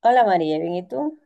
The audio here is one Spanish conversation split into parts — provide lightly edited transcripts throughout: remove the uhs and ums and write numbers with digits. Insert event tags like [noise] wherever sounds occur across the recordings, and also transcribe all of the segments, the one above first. Hola María, ¿bien y tú?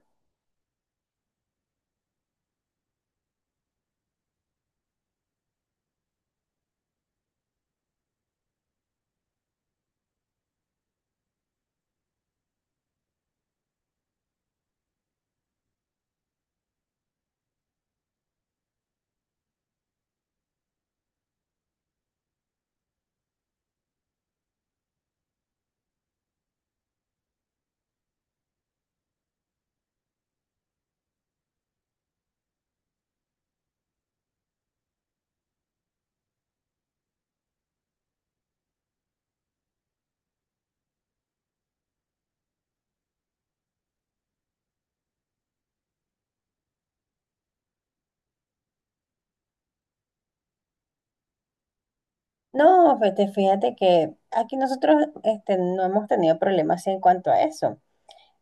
No, este, fíjate que aquí nosotros este, no hemos tenido problemas en cuanto a eso.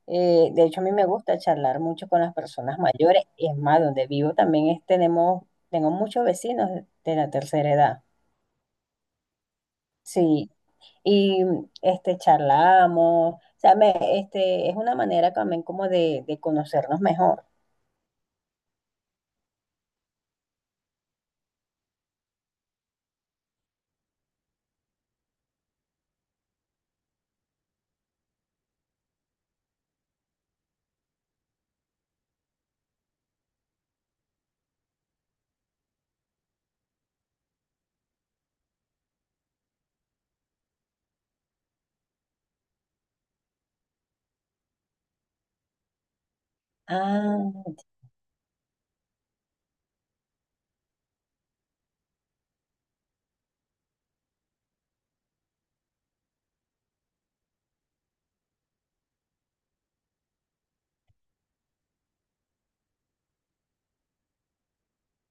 De hecho, a mí me gusta charlar mucho con las personas mayores. Es más, donde vivo también tenemos, tengo muchos vecinos de la tercera edad. Sí, y este, charlamos. O sea, este, es una manera también como de conocernos mejor. Ah,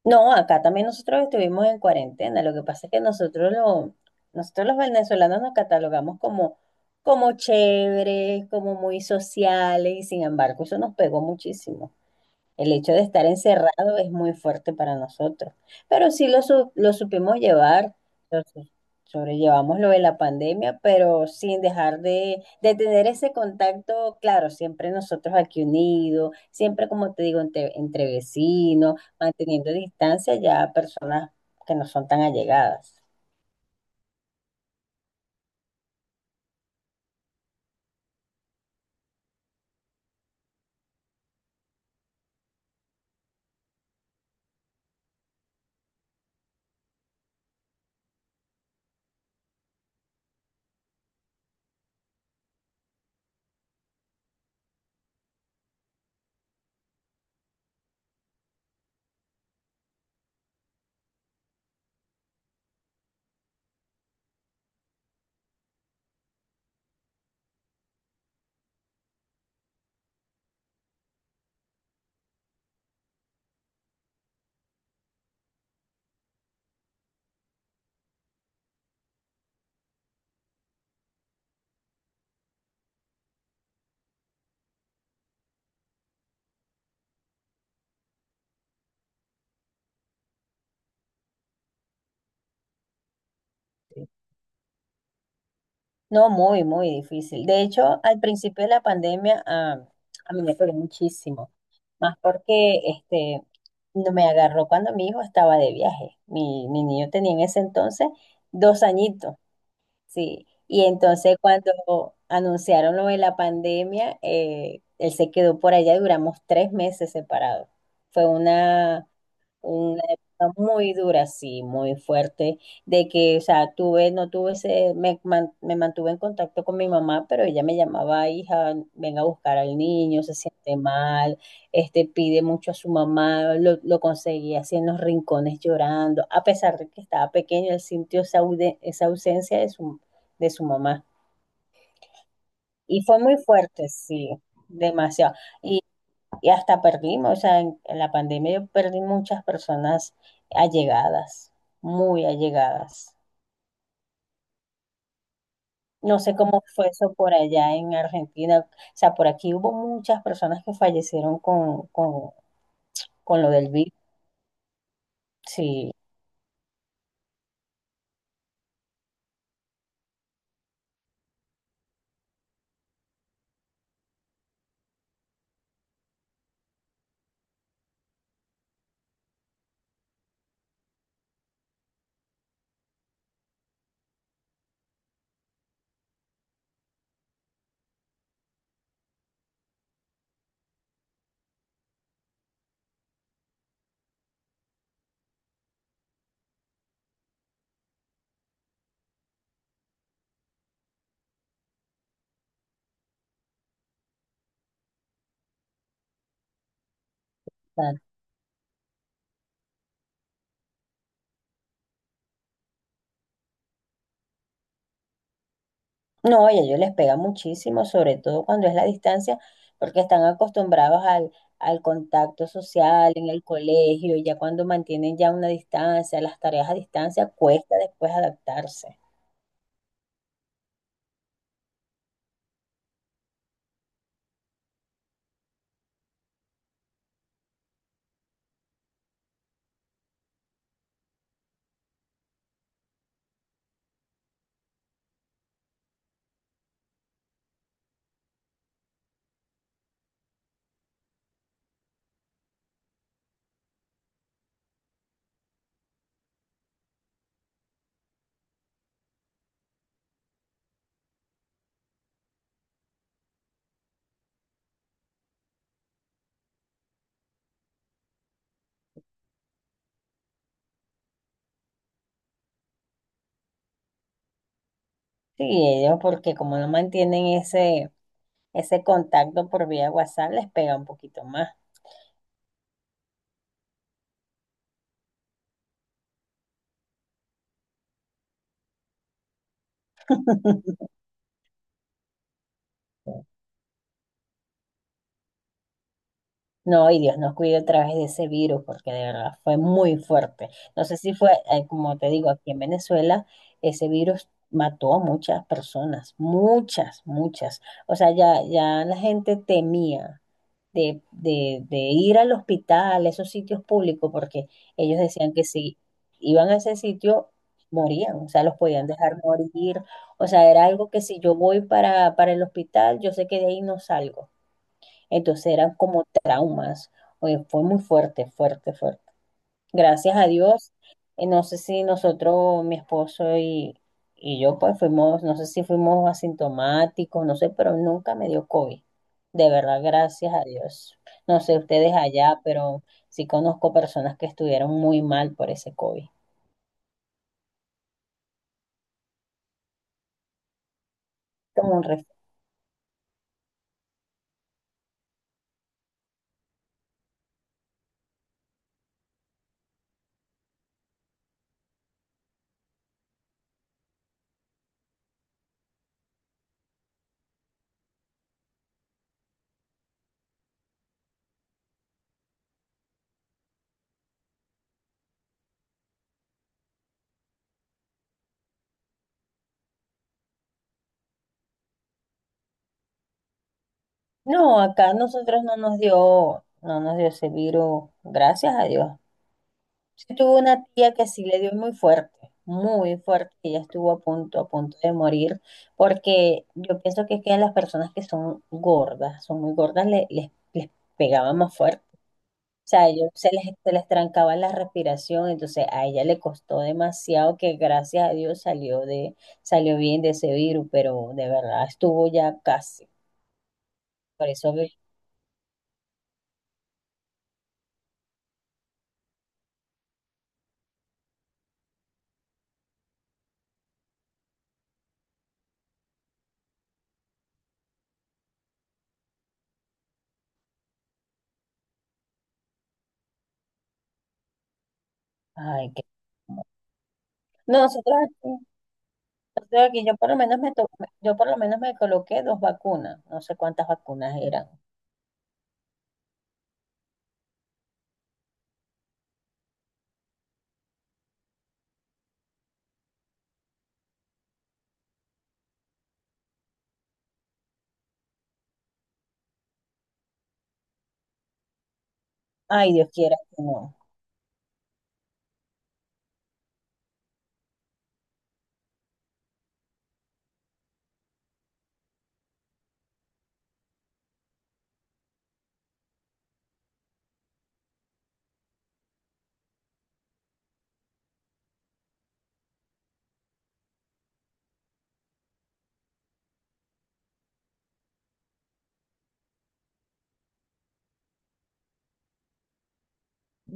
no, acá también nosotros estuvimos en cuarentena. Lo que pasa es que nosotros los venezolanos nos catalogamos como, como chéveres, como muy sociales, y sin embargo, eso nos pegó muchísimo. El hecho de estar encerrado es muy fuerte para nosotros, pero lo supimos llevar, lo su- sobrellevamos lo de la pandemia, pero sin dejar de tener ese contacto, claro, siempre nosotros aquí unidos, siempre como te digo, entre, entre vecinos, manteniendo distancia ya a personas que no son tan allegadas. No, muy, muy difícil. De hecho, al principio de la pandemia, ah, a mí me pegó muchísimo, más porque este, no me agarró cuando mi hijo estaba de viaje. Mi niño tenía en ese entonces 2 añitos, sí. Y entonces cuando anunciaron lo de la pandemia, él se quedó por allá y duramos 3 meses separados. Fue una época muy dura, sí, muy fuerte, de que, o sea, tuve, no tuve ese, me mantuve en contacto con mi mamá, pero ella me llamaba, hija, venga a buscar al niño, se siente mal, este, pide mucho a su mamá, lo conseguía así en los rincones llorando, a pesar de que estaba pequeño, él sintió esa ausencia de su mamá. Y fue muy fuerte, sí, demasiado. Y hasta perdimos, o sea, en la pandemia yo perdí muchas personas allegadas, muy allegadas. No sé cómo fue eso por allá en Argentina. O sea, por aquí hubo muchas personas que fallecieron con lo del virus. Sí. Ah, no, oye, ellos les pega muchísimo, sobre todo cuando es la distancia, porque están acostumbrados al, al contacto social en el colegio, y ya cuando mantienen ya una distancia, las tareas a distancia, cuesta después adaptarse. Sí, ellos porque como no mantienen ese, ese contacto por vía WhatsApp, les pega un poquito más. [laughs] No, y Dios nos cuide otra vez de ese virus, porque de verdad fue muy fuerte. No sé si fue, como te digo, aquí en Venezuela, ese virus mató a muchas personas, muchas, muchas. O sea, ya, ya la gente temía de ir al hospital, a esos sitios públicos, porque ellos decían que si iban a ese sitio, morían, o sea, los podían dejar morir, o sea, era algo que si yo voy para el hospital, yo sé que de ahí no salgo. Entonces eran como traumas, oye, fue muy fuerte, fuerte, fuerte, gracias a Dios. No sé si nosotros, mi esposo y yo, pues fuimos, no sé si fuimos asintomáticos, no sé, pero nunca me dio COVID. De verdad, gracias a Dios. No sé ustedes allá, pero sí conozco personas que estuvieron muy mal por ese COVID. Como un ref- No, acá nosotros no nos dio, no nos dio ese virus, gracias a Dios. Yo tuve una tía que sí le dio muy fuerte, y ella estuvo a punto de morir, porque yo pienso que es que a las personas que son gordas, son muy gordas, les pegaba más fuerte. O sea, a ellos se les trancaba la respiración, entonces a ella le costó demasiado que gracias a Dios salió de, salió bien de ese virus, pero de verdad estuvo ya casi. Por eso, que- ay, que... No, nosotros... O sea, que yo por lo menos yo por lo menos me coloqué dos vacunas, no sé cuántas vacunas eran. Ay, Dios quiera que no.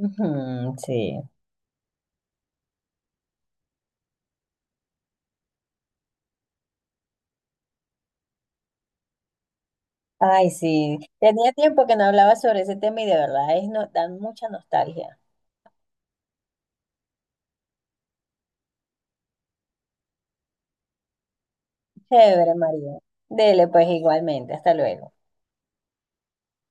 Ujú, sí. Ay, sí. Tenía tiempo que no hablaba sobre ese tema y de verdad es no, dan mucha nostalgia. Chévere, María. Dele, pues igualmente. Hasta luego.